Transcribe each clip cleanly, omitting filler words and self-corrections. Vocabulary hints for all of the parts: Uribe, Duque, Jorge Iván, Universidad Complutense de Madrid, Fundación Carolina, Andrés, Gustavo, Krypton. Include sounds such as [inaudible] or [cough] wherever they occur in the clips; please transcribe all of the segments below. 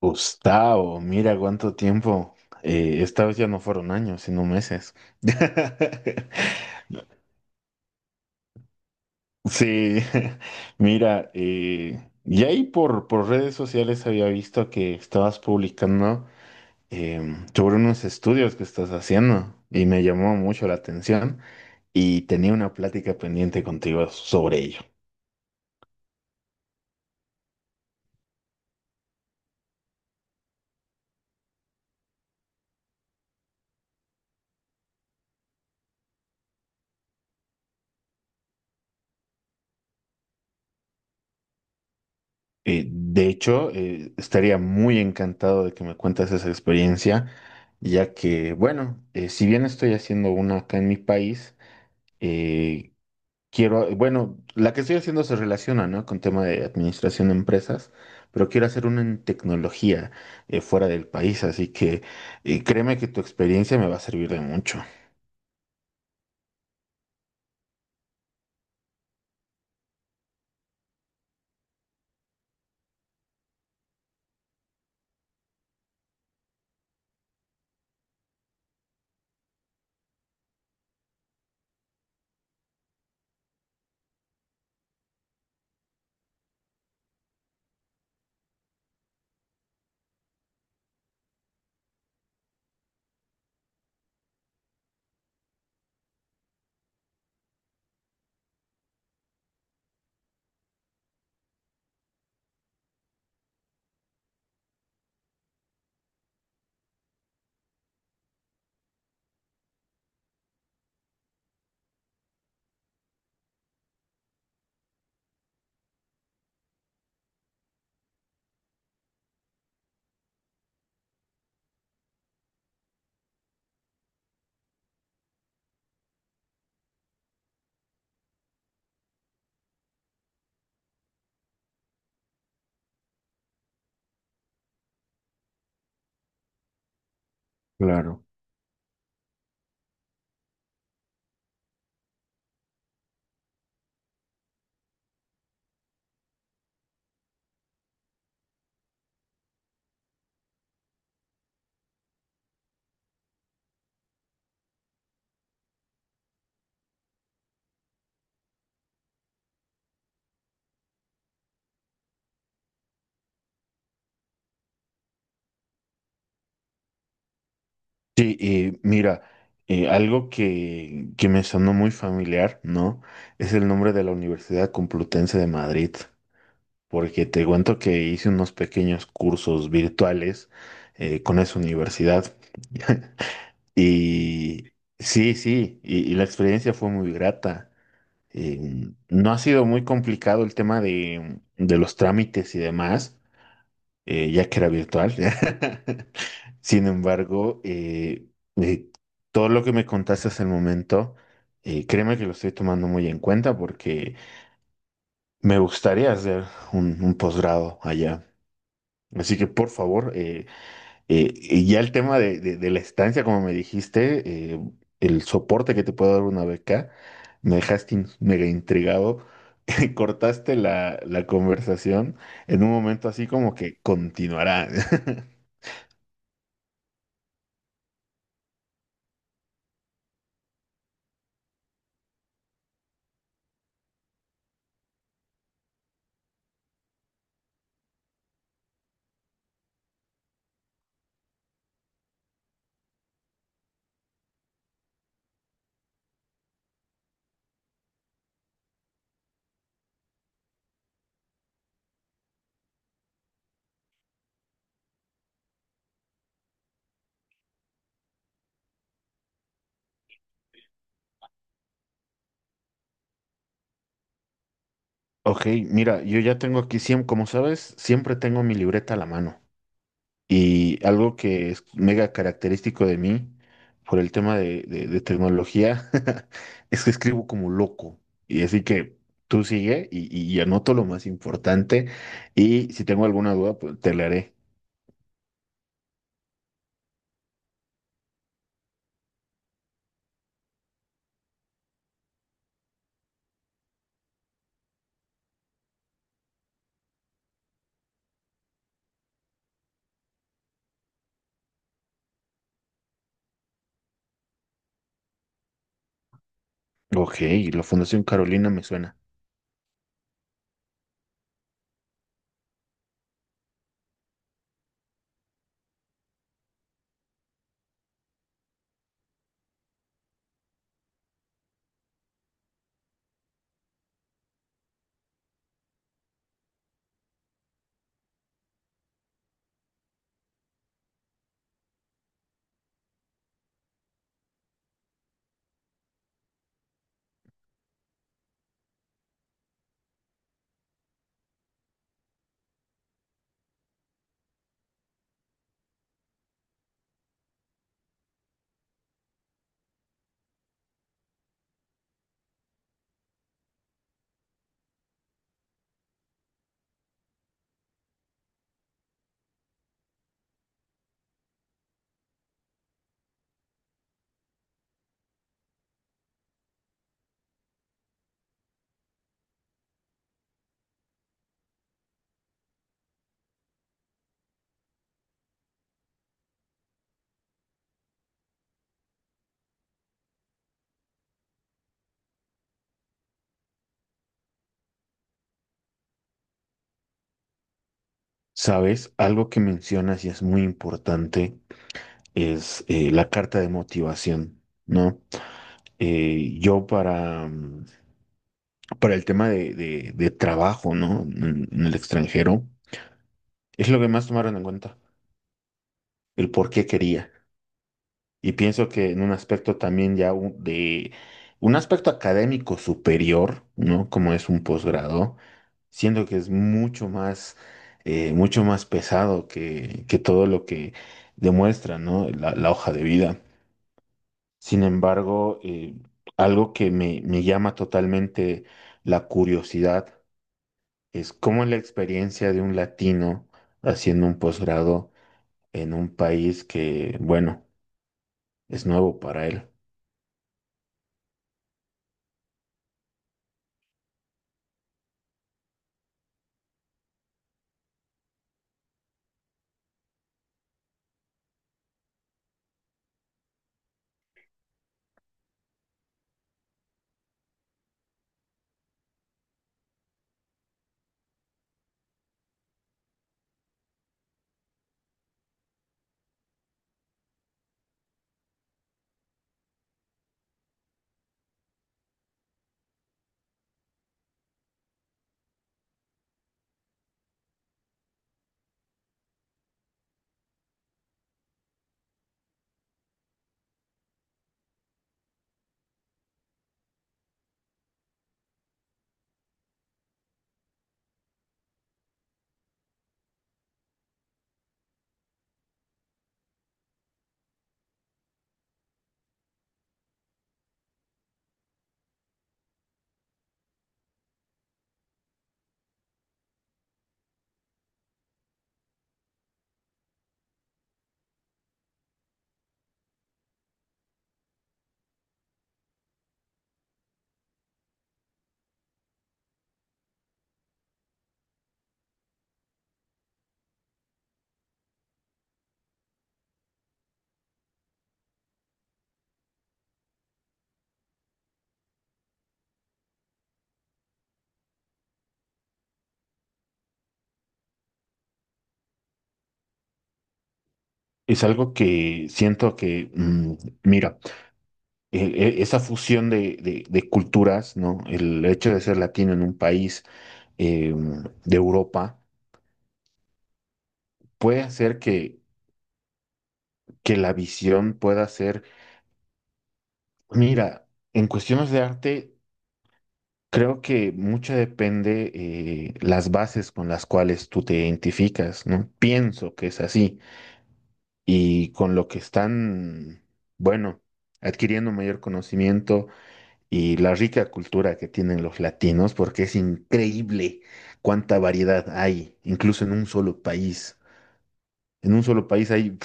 Gustavo, mira cuánto tiempo. Esta vez ya no fueron años, sino meses. [laughs] Sí, [laughs] mira, y ahí por redes sociales había visto que estabas publicando sobre unos estudios que estás haciendo y me llamó mucho la atención y tenía una plática pendiente contigo sobre ello. De hecho, estaría muy encantado de que me cuentes esa experiencia, ya que, bueno, si bien estoy haciendo una acá en mi país, eh, quiero, bueno, la que estoy haciendo se relaciona, ¿no?, con tema de administración de empresas, pero quiero hacer una en tecnología fuera del país, así que créeme que tu experiencia me va a servir de mucho. Claro. Sí, mira, algo que me sonó muy familiar, ¿no? Es el nombre de la Universidad Complutense de Madrid, porque te cuento que hice unos pequeños cursos virtuales con esa universidad. [laughs] Y sí, sí, y la experiencia fue muy grata. No ha sido muy complicado el tema de los trámites y demás, ya que era virtual. [laughs] Sin embargo, eh, todo lo que me contaste hasta el momento, créeme que lo estoy tomando muy en cuenta porque me gustaría hacer un posgrado allá. Así que por favor, y ya el tema de la estancia, como me dijiste, el soporte que te puede dar una beca, me dejaste mega intrigado. [laughs] Cortaste la conversación en un momento así como que continuará. [laughs] Ok, mira, yo ya tengo aquí, como sabes, siempre tengo mi libreta a la mano. Y algo que es mega característico de mí por el tema de tecnología [laughs] es que escribo como loco. Y así que tú sigue y anoto lo más importante. Y si tengo alguna duda, pues te la haré. Ok, la Fundación Carolina me suena. ¿Sabes? Algo que mencionas y es muy importante es la carta de motivación, ¿no? Yo para el tema de trabajo, ¿no? En el extranjero, es lo que más tomaron en cuenta, el por qué quería. Y pienso que en un aspecto también de un aspecto académico superior, ¿no? Como es un posgrado, siento que es mucho más pesado que todo lo que demuestra, ¿no? La hoja de vida. Sin embargo, algo que me llama totalmente la curiosidad es cómo es la experiencia de un latino haciendo un posgrado en un país que, bueno, es nuevo para él. Es algo que siento que, mm, mira, esa fusión de culturas, ¿no? El hecho de ser latino en un país eh, de Europa puede hacer que la visión pueda ser, mira, en cuestiones de arte. Creo que mucho depende las bases con las cuales tú te identificas, ¿no? Pienso que es así. Y con lo que están, bueno, adquiriendo mayor conocimiento y la rica cultura que tienen los latinos, porque es increíble cuánta variedad hay, incluso en un solo país. En un solo país hay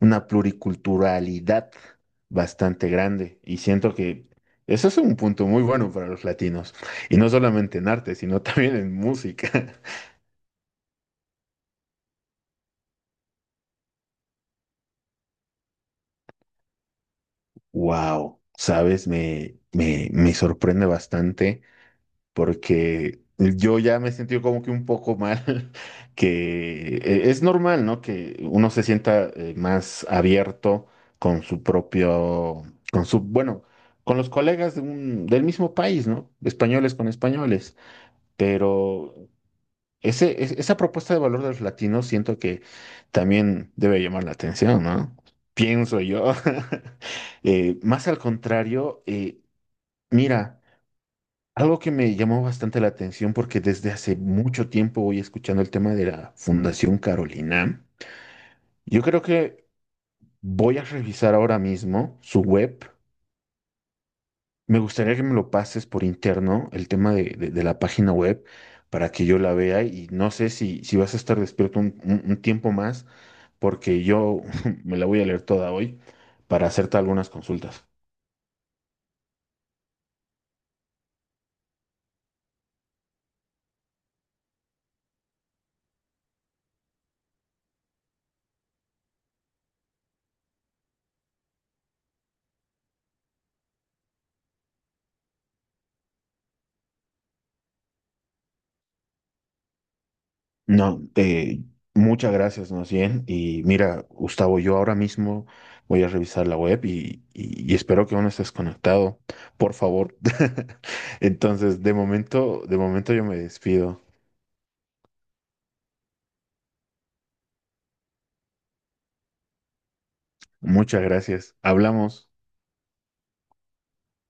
una pluriculturalidad bastante grande y siento que eso es un punto muy bueno para los latinos y no solamente en arte, sino [laughs] también en música. [laughs] Wow, sabes, me sorprende bastante porque yo ya me he sentido como que un poco mal, [laughs] que es normal, ¿no? Que uno se sienta más abierto con su propio, con su, bueno, con los colegas de del mismo país, ¿no? Españoles con españoles. Pero esa propuesta de valor de los latinos siento que también debe llamar la atención, ¿no? Pienso yo. [laughs] Más al contrario, mira, algo que me llamó bastante la atención porque desde hace mucho tiempo voy escuchando el tema de la Fundación Carolina. Yo creo que voy a revisar ahora mismo su web. Me gustaría que me lo pases por interno, el tema de la página web, para que yo la vea y no sé si vas a estar despierto un, un tiempo más, porque yo [laughs] me la voy a leer toda hoy para hacerte algunas consultas. No, muchas gracias, más bien. Y mira, Gustavo, yo ahora mismo voy a revisar la web y, y espero que aún estés conectado, por favor. [laughs] Entonces, de momento yo me despido. Muchas gracias. Hablamos.